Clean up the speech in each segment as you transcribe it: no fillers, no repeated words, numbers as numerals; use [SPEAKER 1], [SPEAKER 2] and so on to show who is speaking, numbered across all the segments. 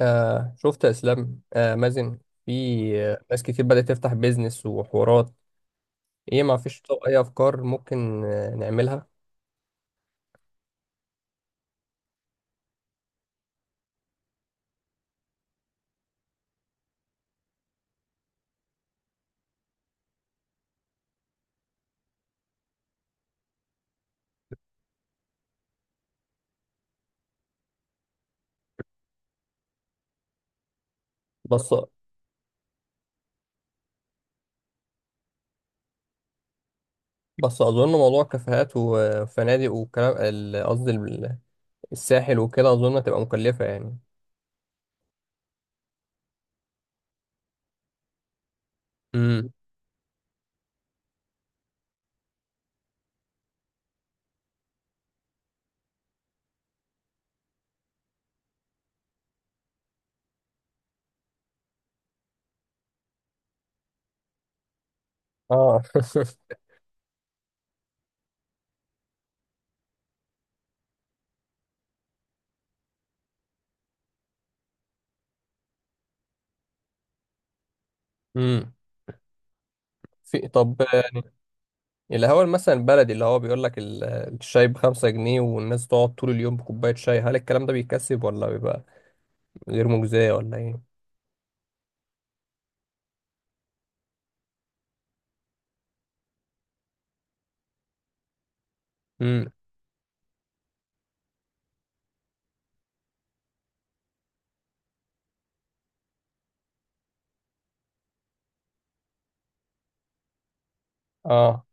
[SPEAKER 1] شفت يا اسلام، مازن. في آه ناس كتير بدأت تفتح بيزنس وحوارات. ايه، ما فيش اي افكار ممكن نعملها؟ بس بس اظن موضوع كافيهات وفنادق والكلام قصدي الساحل وكده اظن هتبقى مكلفة يعني. امم. اه. امم. طب، الهوا مثلا البلدي اللي هو بيقول لك الشاي ب5 جنيه، والناس تقعد طول اليوم بكوباية شاي. هل الكلام ده بيكسب، ولا بيبقى غير مجزية ولا ايه؟ امم. اه.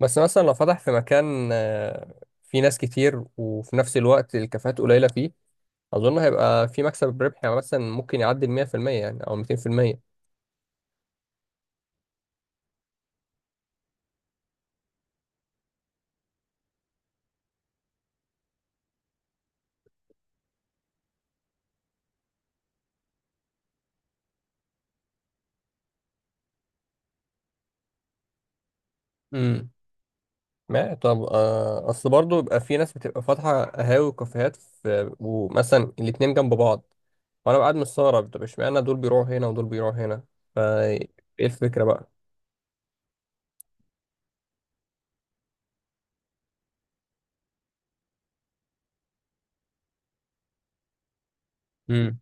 [SPEAKER 1] بس مثلا لو فتح في مكان، فيه ناس كتير وفي نفس الوقت الكافيهات قليلة فيه، أظن هيبقى في مكسب ربحي. يعني مثلا ممكن يعدي 100%، يعني أو 200%. امم. ما طب، أصل برضه بيبقى في ناس بتبقى فاتحة قهاوي وكافيهات، في ومثلا الاتنين جنب بعض، وأنا قاعد مستغرب. طب اشمعنى دول بيروحوا هنا ودول بيروحوا هنا؟ فا إيه الفكرة بقى؟ امم.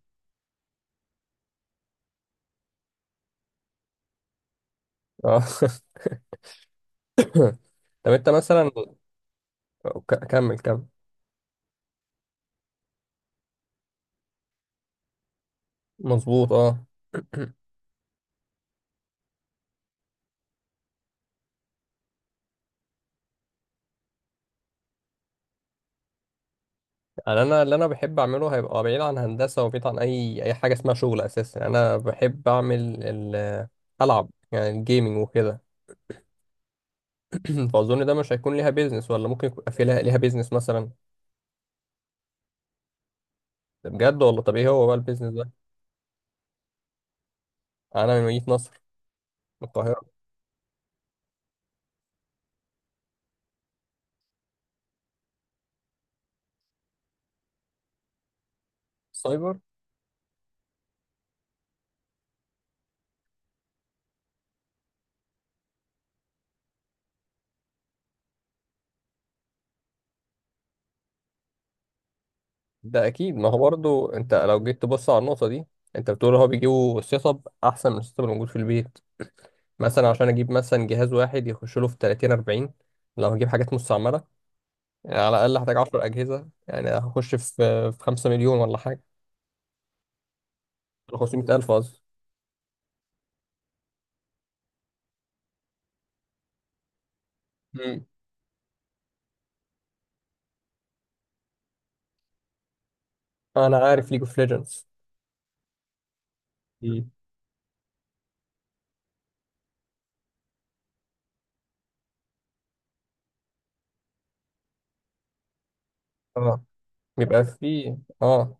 [SPEAKER 1] اه. طب أنت مثلا، كمل كمل. مظبوط، أه. أنا اللي انا بحب اعمله هيبقى بعيد عن هندسه، وبعيد عن اي حاجه اسمها شغل اساسا. يعني انا بحب اعمل العب، يعني الجيمنج وكده. فاظن ده مش هيكون ليها بيزنس، ولا ممكن يبقى في لها ليها بيزنس مثلا؟ ده بجد، ولا طب ايه هو بقى البيزنس ده؟ انا من مدينه نصر، من القاهره. سايبر؟ ده اكيد. ما هو برضو انت لو جيت تبص على النقطه دي، انت بتقول هو بيجيبوا سيت اب احسن من السيت اب الموجود في البيت. مثلا عشان اجيب مثلا جهاز واحد يخش له في 30 40، لو هجيب حاجات مستعمله، يعني على الأقل هحتاج 10 أجهزة، يعني هخش في 5 مليون ولا حاجة. 500 ألف قصدي. مم. أنا عارف ليج اوف ليجندز. مم. اه، بيبقى فيه، اه.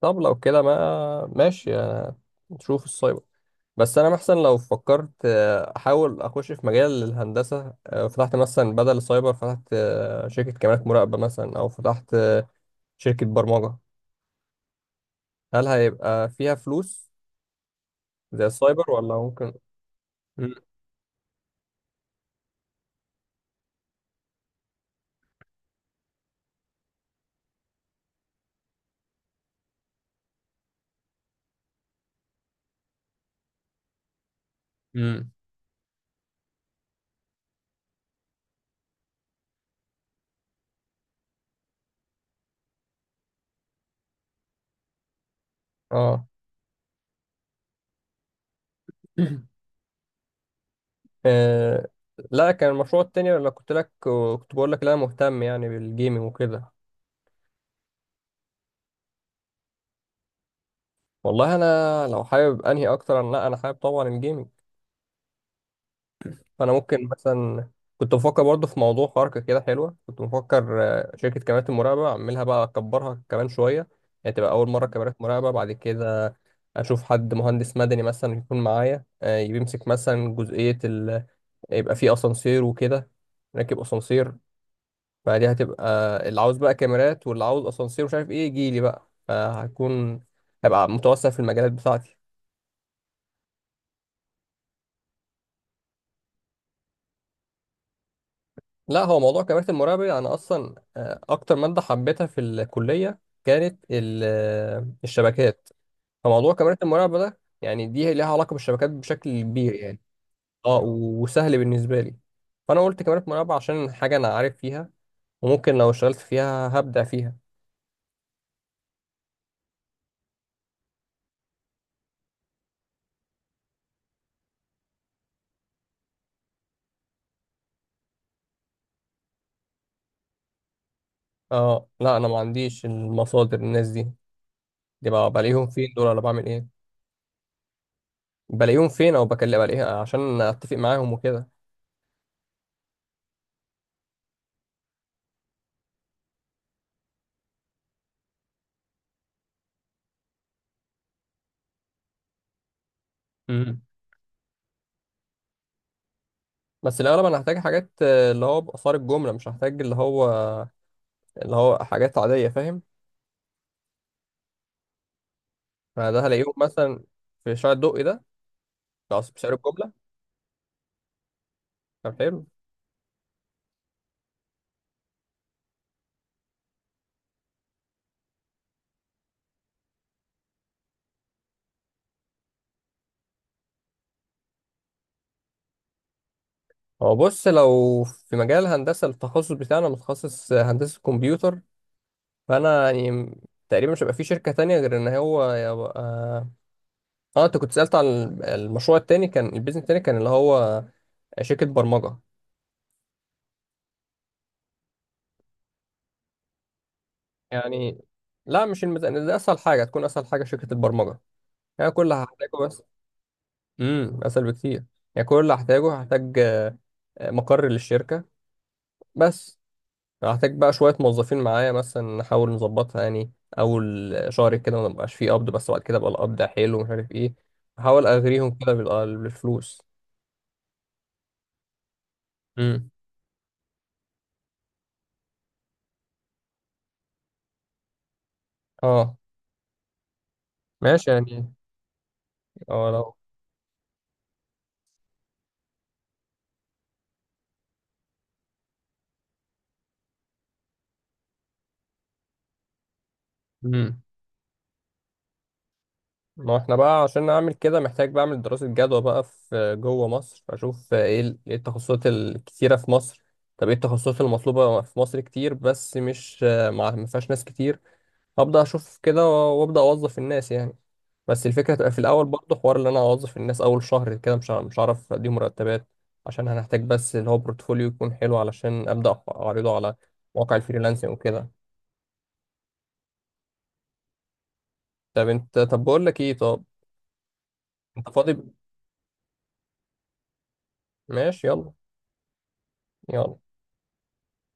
[SPEAKER 1] طب لو كده، ما ماشي، نشوف السايبر. بس انا مثلا لو فكرت احاول اخش في مجال الهندسه، فتحت مثلا بدل السايبر، فتحت شركه كاميرات مراقبه مثلا، او فتحت شركه برمجه، هل هيبقى فيها فلوس زي السايبر ولا ممكن؟ مم. مم. اه. آه. لا، كان المشروع التاني اللي كنت بقول لك، لا، مهتم يعني بالجيمنج وكده. والله، انا لو حابب انهي اكتر، انا، لا، حابب طبعا الجيمنج. فانا ممكن مثلا كنت بفكر برضه في موضوع حركه كده حلوه، كنت بفكر شركه كاميرات المراقبه اعملها بقى، اكبرها كمان شويه، يعني تبقى اول مره كاميرات مراقبه، بعد كده اشوف حد مهندس مدني مثلا يكون معايا، يمسك مثلا جزئيه يبقى فيه اسانسير وكده، نركب اسانسير. فدي هتبقى اللي عاوز بقى كاميرات، واللي عاوز اسانسير مش عارف ايه، يجي لي بقى. هبقى متوسع في المجالات بتاعتي. لا، هو موضوع كاميرات المراقبة دي انا اصلا، اكتر مادة حبيتها في الكلية كانت الشبكات. فموضوع كاميرات المراقبة ده يعني دي ليها علاقة بالشبكات بشكل كبير يعني. اه، وسهل بالنسبة لي. فانا قلت كاميرات مراقبة عشان حاجة انا عارف فيها، وممكن لو اشتغلت فيها هبدع فيها. اه لا، انا ما عنديش المصادر. الناس دي دي بقى بلاقيهم فين دول، ولا بعمل ايه؟ بلاقيهم فين، او بكلم بلاقيها عشان اتفق معاهم وكده. امم. بس الاغلب انا هحتاج حاجات، اللي هو باثار الجمله، مش هحتاج اللي هو حاجات عاديه، فاهم؟ فده هلاقيهم مثلا في شارع الدقي ده، خلاص، بسعر الجمله. طب حلو. هو بص، لو في مجال هندسه، التخصص بتاعنا متخصص هندسه كمبيوتر. فانا يعني، تقريبا مش هيبقى في شركه تانية غير ان هو يبقى. اه، انت كنت سالت عن المشروع التاني، كان البيزنس التاني كان اللي هو شركه برمجه. يعني، لا، مش الميزانية. دي اسهل حاجة، تكون اسهل حاجة شركة البرمجة. يعني كل اللي هحتاجه بس. امم، اسهل بكتير. يعني كل اللي هحتاجه، هحتاج مقر للشركة بس. هحتاج بقى شوية موظفين معايا مثلا، نحاول نظبطها يعني. أول شهر كده ما نبقاش فيه قبض، بس بعد كده بقى القبض حلو ومش عارف ايه. أحاول أغريهم كده بالفلوس. امم. اه، ماشي يعني. اه لو. مم. ما احنا بقى عشان نعمل كده محتاج بعمل دراسة جدوى بقى في جوه مصر، اشوف ايه إيه التخصصات الكتيرة في مصر، طب ايه التخصصات المطلوبة في مصر كتير بس مش ما فيهاش ناس كتير، ابدا اشوف كده وابدا اوظف الناس يعني. بس الفكرة تبقى في الاول برضه حوار ان انا اوظف الناس اول شهر كده، مش هعرف اديهم مرتبات. عشان هنحتاج بس اللي هو بورتفوليو يكون حلو، علشان ابدا اعرضه على مواقع الفريلانسنج وكده. طب انت، طب بقول لك ايه، طب انت فاضي؟ ماشي، يلا. يلا.